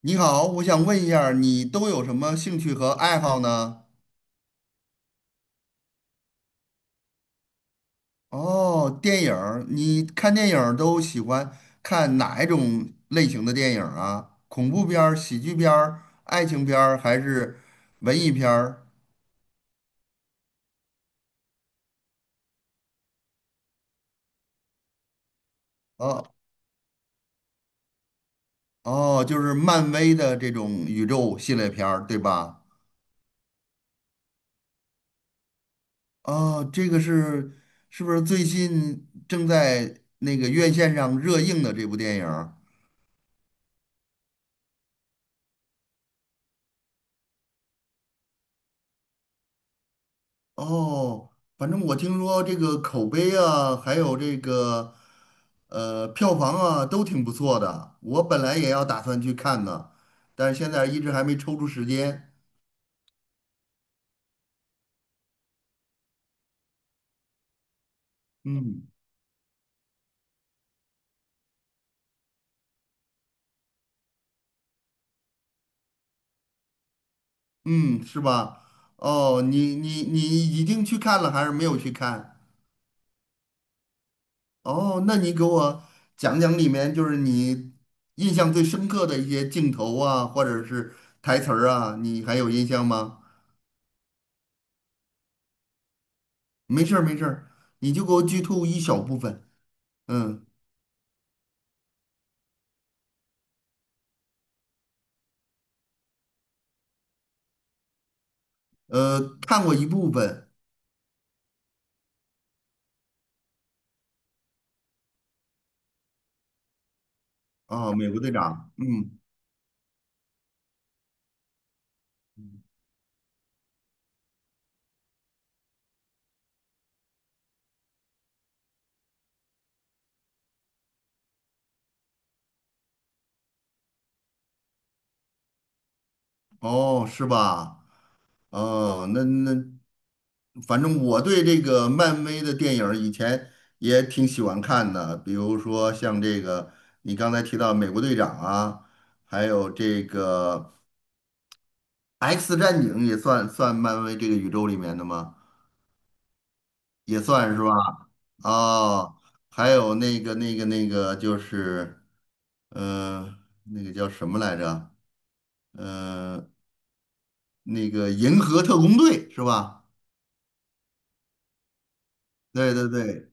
你好，我想问一下儿你都有什么兴趣和爱好呢？哦，电影儿，你看电影儿都喜欢看哪一种类型的电影儿啊？恐怖片儿、喜剧片儿、爱情片儿，还是文艺片儿？哦哦，就是漫威的这种宇宙系列片儿，对吧？哦，这个是不是最近正在那个院线上热映的这部电影儿？哦，反正我听说这个口碑啊，还有这个票房啊，都挺不错的。我本来也要打算去看的，但是现在一直还没抽出时间。嗯嗯，是吧？哦，你已经去看了还是没有去看？哦，那你给我讲讲里面就是你印象最深刻的一些镜头啊，或者是台词儿啊，你还有印象吗？没事儿没事儿，你就给我剧透一小部分。嗯。看过一部分啊，美国队长》。嗯，哦，是吧？哦，那，反正我对这个漫威的电影儿以前也挺喜欢看的，比如说像这个你刚才提到《美国队长》啊，还有这个《X 战警》也算漫威这个宇宙里面的吗？也算是吧？哦，还有那个就是，呃，那个叫什么来着？呃。那个银河特工队是吧？对对对，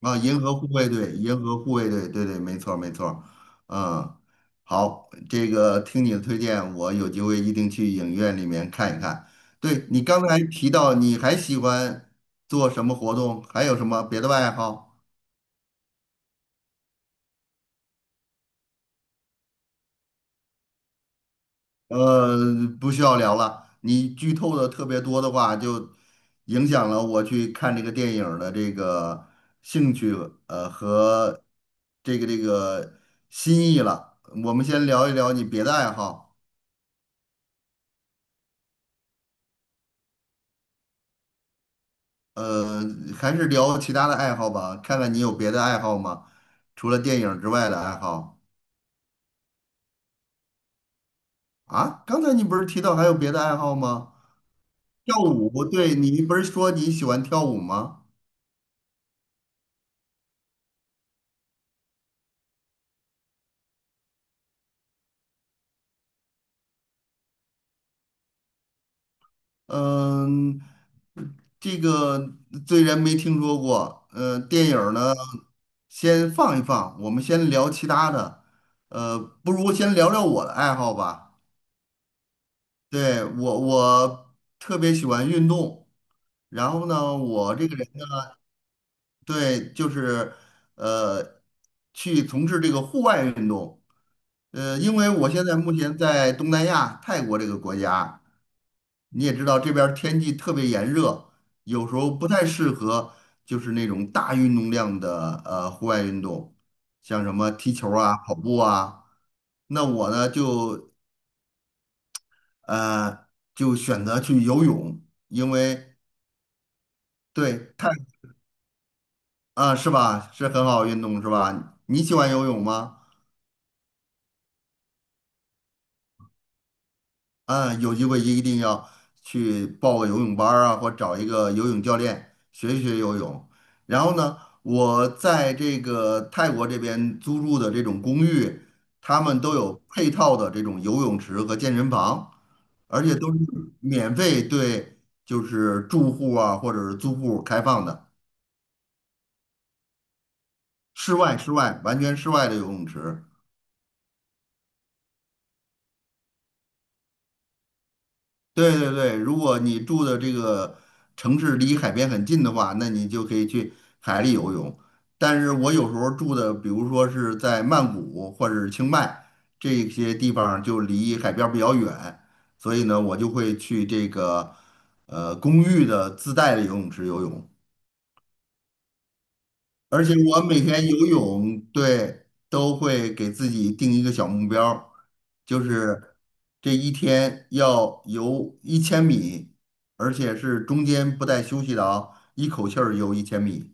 啊，银河护卫队，银河护卫队，对对，没错儿没错儿，嗯，好，这个听你的推荐，我有机会一定去影院里面看一看。对，你刚才提到你还喜欢做什么活动，还有什么别的爱好？呃，不需要聊了，你剧透的特别多的话，就影响了我去看这个电影儿的这个兴趣这个心意了。我们先聊一聊你别的爱好，呃，还是聊其他的爱好吧，看看你有别的爱好吗？除了电影之外的爱好啊？刚才你不是提到还有别的爱好吗？跳舞，对，你不是说你喜欢跳舞吗？嗯，这个虽然没听说过，电影儿呢，先放一放，我们先聊其他的，呃，不如先聊聊我的爱好吧。对，我特别喜欢运动，然后呢，我这个人呢，对，就是呃，去从事这个户外运动。因为我现在目前在东南亚泰国这个国家，你也知道这边儿天气特别炎热，有时候不太适合就是那种大运动量的户外运动，像什么踢球儿啊、跑步啊。那我呢呃就选择去游泳，因为对，太啊，是吧？是很好运动，是吧？你喜欢游泳吗？啊，有机会一定要去报个游泳班儿啊，或找一个游泳教练学一学游泳。然后呢，我在这个泰国这边租住的这种公寓，他们都有配套的这种游泳池和健身房，而且都是免费对，就是住户啊或者是租户开放的，室外完全室外的游泳池。对对对，如果你住的这个城市离海边很近的话，那你就可以去海里游泳。但是我有时候住的，比如说是在曼谷或者是清迈这些地方，就离海边儿比较远，所以呢，我就会去这个公寓的自带的游泳池游泳。而且我每天游泳，对，都会给自己定一个小目标儿就是这一天要游一千米，而且是中间不带休息的啊，一口气儿游一千米。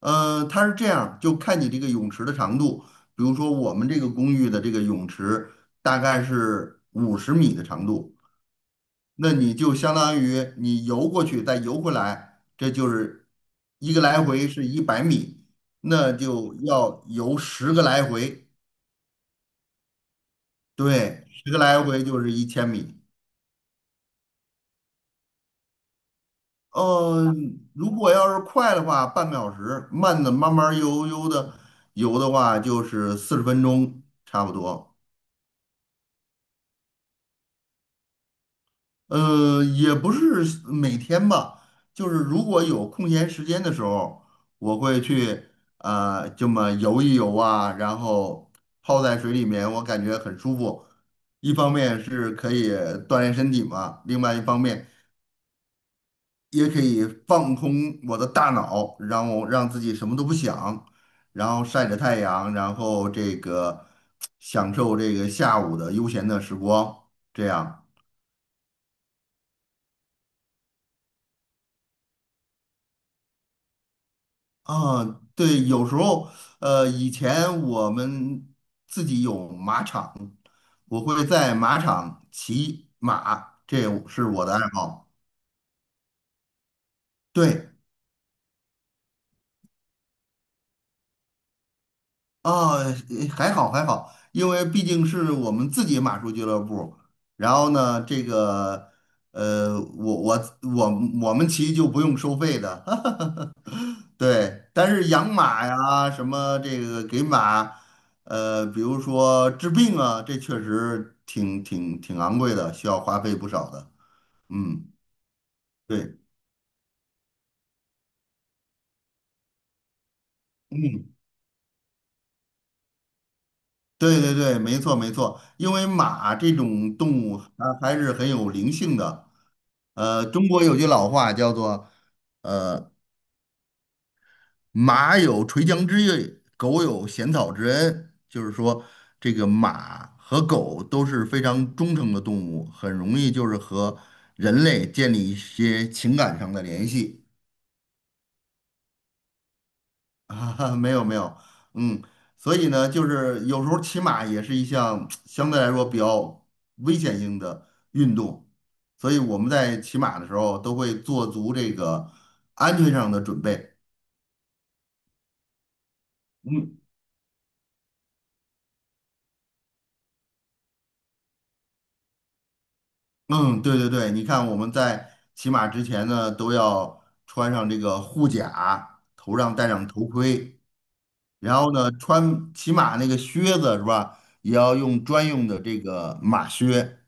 它是这样，就看你这个泳池的长度。比如说我们这个公寓的这个泳池大概是50米的长度，那你就相当于你游过去再游回来，这就是一个来回是100米，那就要游十个来回，对，十个来回就是一千米。嗯，如果要是快的话，半个小时；慢的慢慢悠悠的游的话，就是40分钟差不多。也不是每天吧，就是如果有空闲时间的时候，我会去这么游一游啊，然后泡在水里面，我感觉很舒服。一方面是可以锻炼身体嘛，另外一方面也可以放空我的大脑，让自己什么都不想，然后晒着太阳，然后这个享受这个下午的悠闲的时光，这样。啊，对，有时候，以前我们自己有马场，我会在马场骑马，这是我的爱好。对，啊，呃还好还好，因为毕竟是我们自己马术俱乐部。然后呢，这个，我们骑就不用收费的。对，但是养马呀，什么这个给马，比如说治病啊，这确实挺昂贵的，需要花费不少的。嗯，对，嗯，对对对，没错没错，因为马这种动物它还是很有灵性的。中国有句老话叫做。呃。马有垂缰之意，狗有衔草之恩。就是说，这个马和狗都是非常忠诚的动物，很容易就是和人类建立一些情感上的联系。啊，没有没有，嗯，所以呢，就是有时候骑马也是一项相对来说比较危险性的运动，所以我们在骑马的时候都会做足这个安全上的准备。嗯。嗯，对对对，你看我们在骑马之前呢，都要穿上这个护甲，头上戴上头盔，然后呢，穿骑马那个靴子是吧，也要用专用的这个马靴。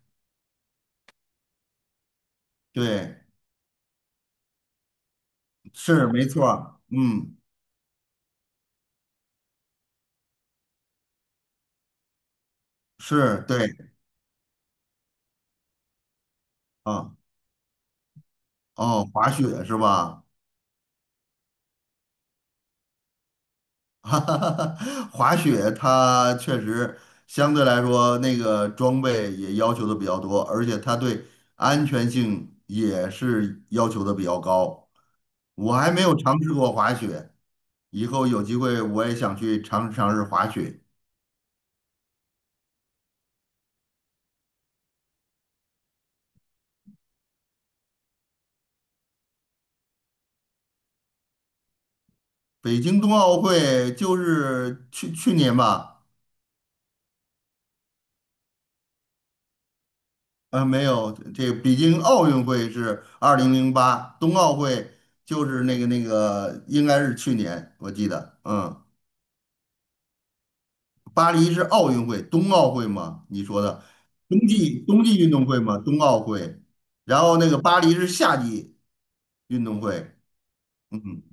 对，是没错儿嗯，是对嗯，哦，滑雪是吧？哈哈，哈，滑雪它确实相对来说那个装备也要求的比较多，而且它对安全性也是要求的比较高。我还没有尝试过滑雪，以后有机会我也想去尝试尝试滑雪。北京冬奥会就是去年吧，没有，这北京奥运会是2008，冬奥会就是那个应该是去年，我记得，嗯。巴黎是奥运会，冬奥会嘛？你说的冬季运动会嘛，冬奥会。然后那个巴黎是夏季运动会，嗯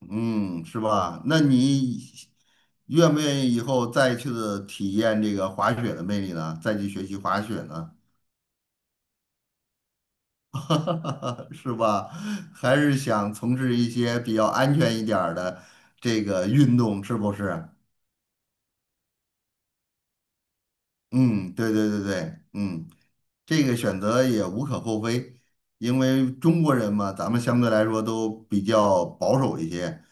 嗯，是吧？那你愿不愿意以后再去的体验这个滑雪的魅力呢？再去学习滑雪呢？是吧？还是想从事一些比较安全一点儿的这个运动，是不是？嗯，对对对对，嗯，这个选择也无可厚非，因为中国人嘛，咱们相对来说都比较保守一些，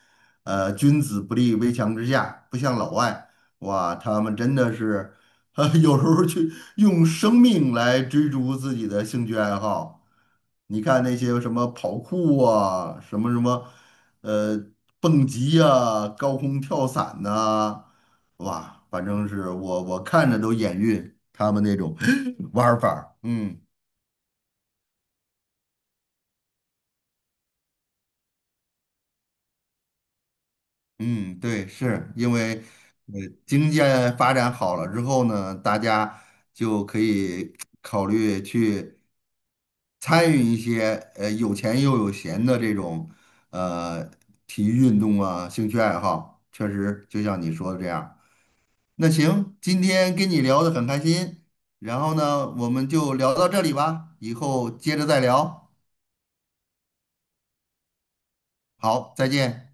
君子不立危墙之下，不像老外，哇，他们真的是，有时候去用生命来追逐自己的兴趣爱好。你看那些什么跑酷啊，什么什么，呃，蹦极啊、高空跳伞呐、哇，反正是我看着都眼晕，他们那种 玩儿法儿，嗯嗯，对，是因为呃经济发展好了之后呢，大家就可以考虑去参与一些有钱又有闲的这种呃体育运动啊，兴趣爱好，确实就像你说的这样。那行，今天跟你聊得很开心，然后呢，我们就聊到这里吧，以后接着再聊。好，再见。